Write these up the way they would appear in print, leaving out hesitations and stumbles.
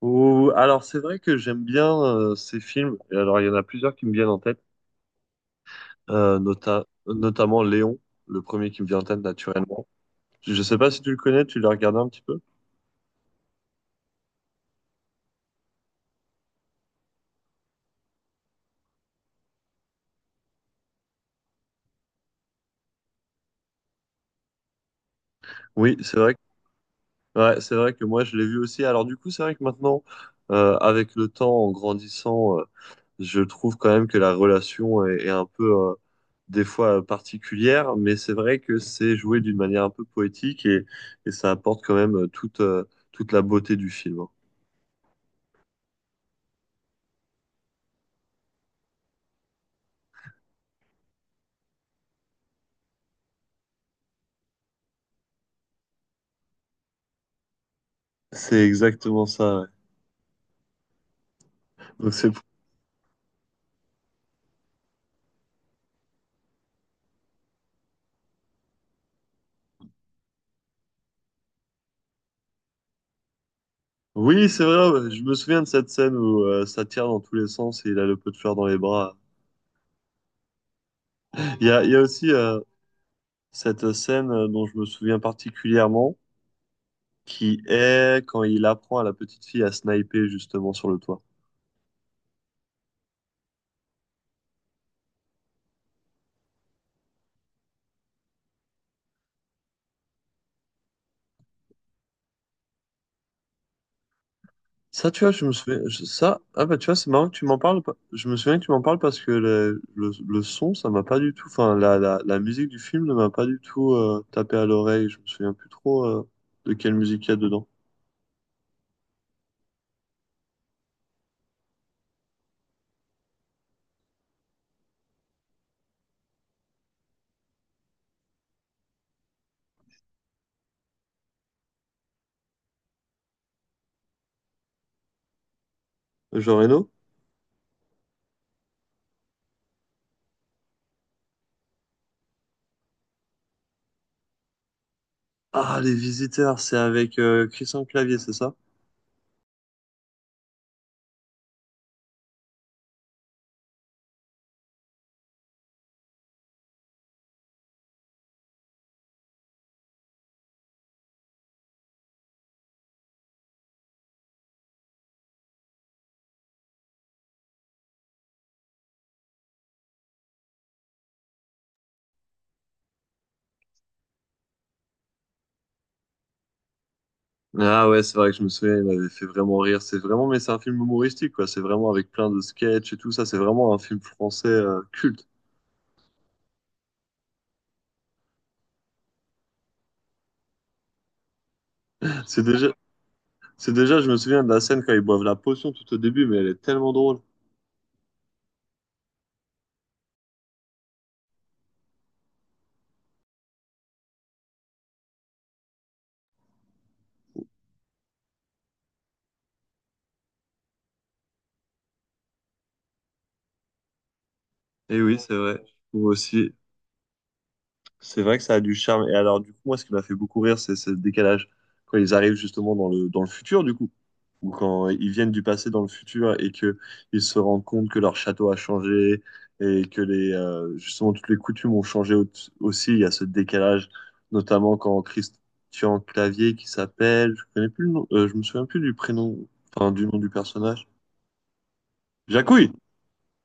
Alors, c'est vrai que j'aime bien ces films. Et alors, il y en a plusieurs qui me viennent en tête, notamment Léon, le premier qui me vient en tête naturellement. Je ne sais pas si tu le connais, tu l'as regardé un petit peu? Oui, c'est vrai que, ouais, c'est vrai que moi, je l'ai vu aussi. Alors, du coup, c'est vrai que maintenant, avec le temps, en grandissant, je trouve quand même que la relation est un peu, des fois, particulière, mais c'est vrai que c'est joué d'une manière un peu poétique et ça apporte quand même toute la beauté du film, hein. C'est exactement ça. Ouais. Donc c'est... Oui, c'est vrai, ouais, je me souviens de cette scène où ça tire dans tous les sens et il a le pot de fleurs dans les bras. Il y a aussi cette scène, dont je me souviens particulièrement, qui est quand il apprend à la petite fille à sniper justement sur le toit. Ça, tu vois, je me souviens. Ça, ah bah, tu vois, c'est marrant que tu m'en parles. Je me souviens que tu m'en parles parce que le son, ça m'a pas du tout. Enfin, la musique du film ne m'a pas du tout tapé à l'oreille. Je me souviens plus trop de quelle musique il y a dedans. Jean Reno? Ah, Les Visiteurs, c'est avec Christian Clavier, c'est ça? Ah ouais, c'est vrai que je me souviens, il m'avait fait vraiment rire. Mais c'est un film humoristique, quoi. C'est vraiment avec plein de sketchs et tout ça. C'est vraiment un film français culte. C'est déjà, c'est déjà, je me souviens de la scène quand ils boivent la potion tout au début, mais elle est tellement drôle. Et oui, c'est vrai. Moi aussi. C'est vrai que ça a du charme. Et alors, du coup, moi, ce qui m'a fait beaucoup rire, c'est le décalage. Quand ils arrivent justement dans le futur, du coup, ou quand ils viennent du passé dans le futur et que ils se rendent compte que leur château a changé et que justement toutes les coutumes ont changé aussi. Il y a ce décalage, notamment quand Christian Clavier, qui s'appelle, je connais plus le nom, je me souviens plus du prénom, enfin, du nom du personnage. Jacouille!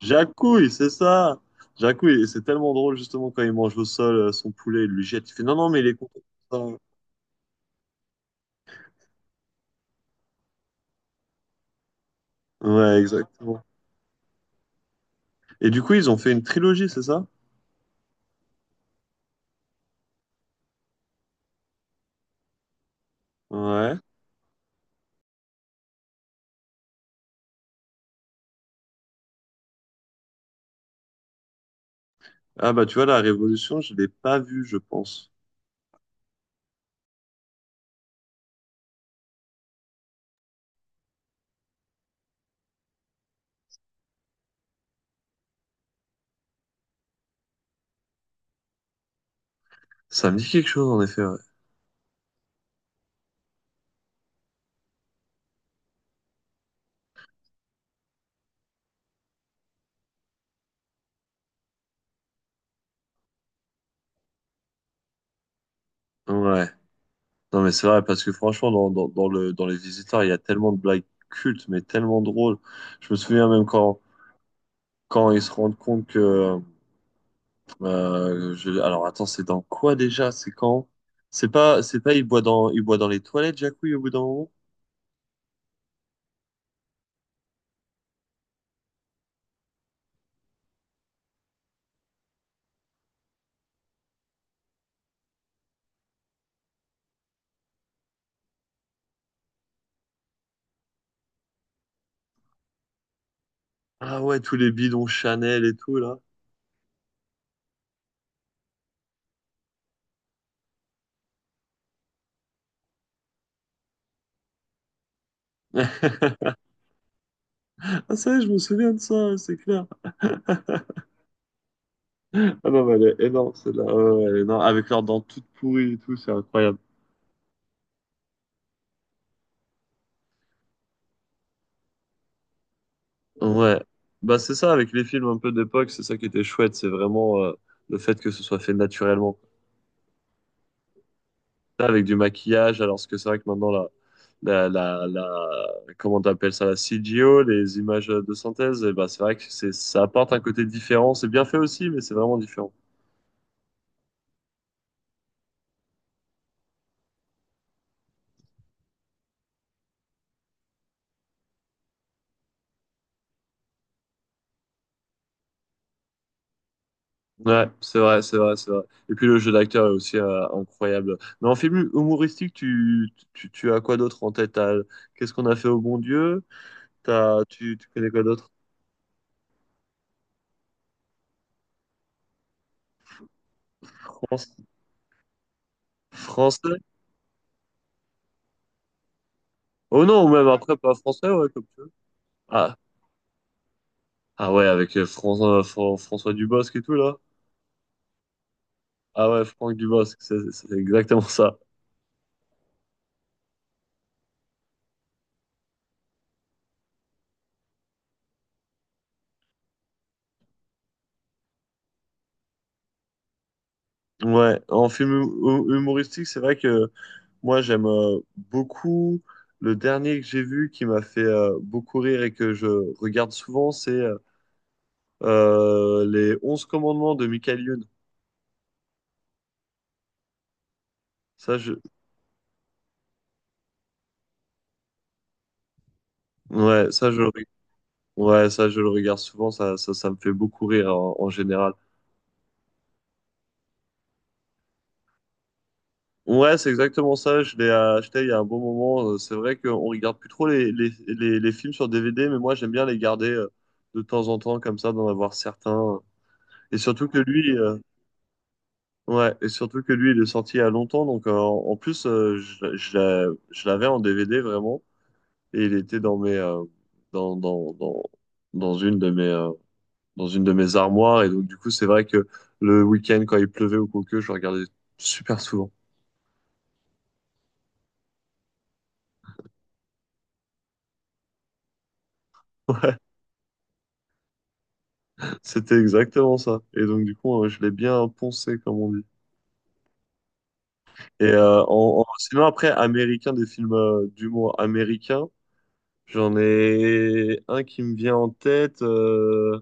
Jacouille, c'est ça. Jacouille, et c'est tellement drôle justement quand il mange au sol son poulet, il lui jette, il fait non, non, mais il est content de ça. Ouais, exactement. Et du coup, ils ont fait une trilogie, c'est ça? Ouais. Ah bah tu vois, la Révolution, je l'ai pas vue, je pense. Ça me dit quelque chose en effet, ouais. Ouais. Non mais c'est vrai, parce que franchement, dans les Visiteurs, il y a tellement de blagues cultes, mais tellement drôles. Je me souviens même quand ils se rendent compte que, Alors attends, c'est dans quoi déjà? C'est quand? C'est pas, il boit dans les toilettes, Jacouille, au bout d'un moment? Ah ouais, tous les bidons Chanel et tout, là. Ah ça, y est, je me souviens de ça, c'est clair. Ah non, mais elle est énorme, celle-là. Ouais, ouais, elle est énorme. Avec leurs dents toutes pourries et tout, c'est incroyable. Ouais. Bah c'est ça, avec les films un peu d'époque, c'est ça qui était chouette, c'est vraiment le fait que ce soit fait naturellement. Avec du maquillage, alors que c'est vrai que maintenant, comment t'appelles ça, la CGO, les images de synthèse, et ben, c'est vrai que c'est, ça apporte un côté différent. C'est bien fait aussi, mais c'est vraiment différent. Ouais, c'est vrai, c'est vrai, c'est vrai. Et puis le jeu d'acteur est aussi incroyable. Mais en film humoristique, tu as quoi d'autre en tête? Qu'est-ce qu'on a fait au bon Dieu? Tu connais quoi d'autre? France- Français? Oh non, ou même après, pas français, ouais, comme tu veux. Ah, ah ouais, avec François Dubosc et tout, là. Ah ouais, Franck Dubosc, c'est exactement ça. Ouais, en film humoristique, c'est vrai que moi j'aime beaucoup. Le dernier que j'ai vu qui m'a fait beaucoup rire et que je regarde souvent, c'est les 11 commandements de Michael Youn. Ça, je... Ouais, ça, je le... re- ouais, ça, je le regarde souvent, ça me fait beaucoup rire en général. Ouais, c'est exactement ça. Je l'ai acheté il y a un bon moment. C'est vrai qu'on regarde plus trop les films sur DVD, mais moi j'aime bien les garder de temps en temps comme ça, d'en avoir certains. Et surtout que lui, ouais, et surtout que lui, il est sorti il y a longtemps. Donc en plus, je l'avais en DVD vraiment, et il était dans, dans, dans, dans une de mes euh, dans une de mes armoires. Et donc du coup, c'est vrai que le week-end quand il pleuvait ou quoi que, je regardais super souvent. C'était exactement ça. Et donc, du coup, je l'ai bien poncé, comme on dit. Sinon, après, américain, des films d'humour américain, j'en ai un qui me vient en tête.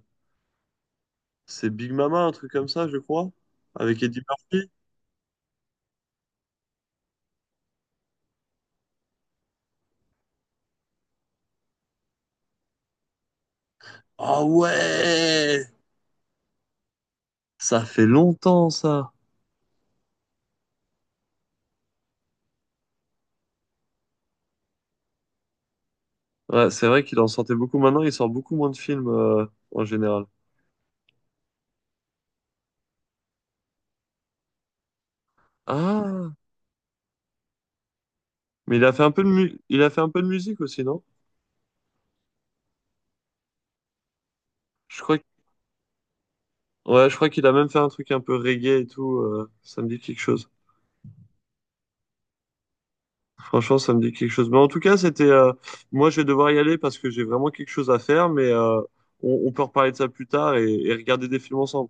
C'est Big Mama, un truc comme ça, je crois, avec Eddie Murphy. Ah ouais! Ça fait longtemps, ça. Ouais, c'est vrai qu'il en sortait beaucoup. Maintenant, il sort beaucoup moins de films en général. Ah! Mais il a fait un peu de musique aussi, non? Je crois Ouais, je crois qu'il a même fait un truc un peu reggae et tout. Ça me dit quelque chose. Franchement, ça me dit quelque chose. Mais en tout cas, c'était. Moi, je vais devoir y aller parce que j'ai vraiment quelque chose à faire. Mais on peut reparler de ça plus tard et regarder des films ensemble.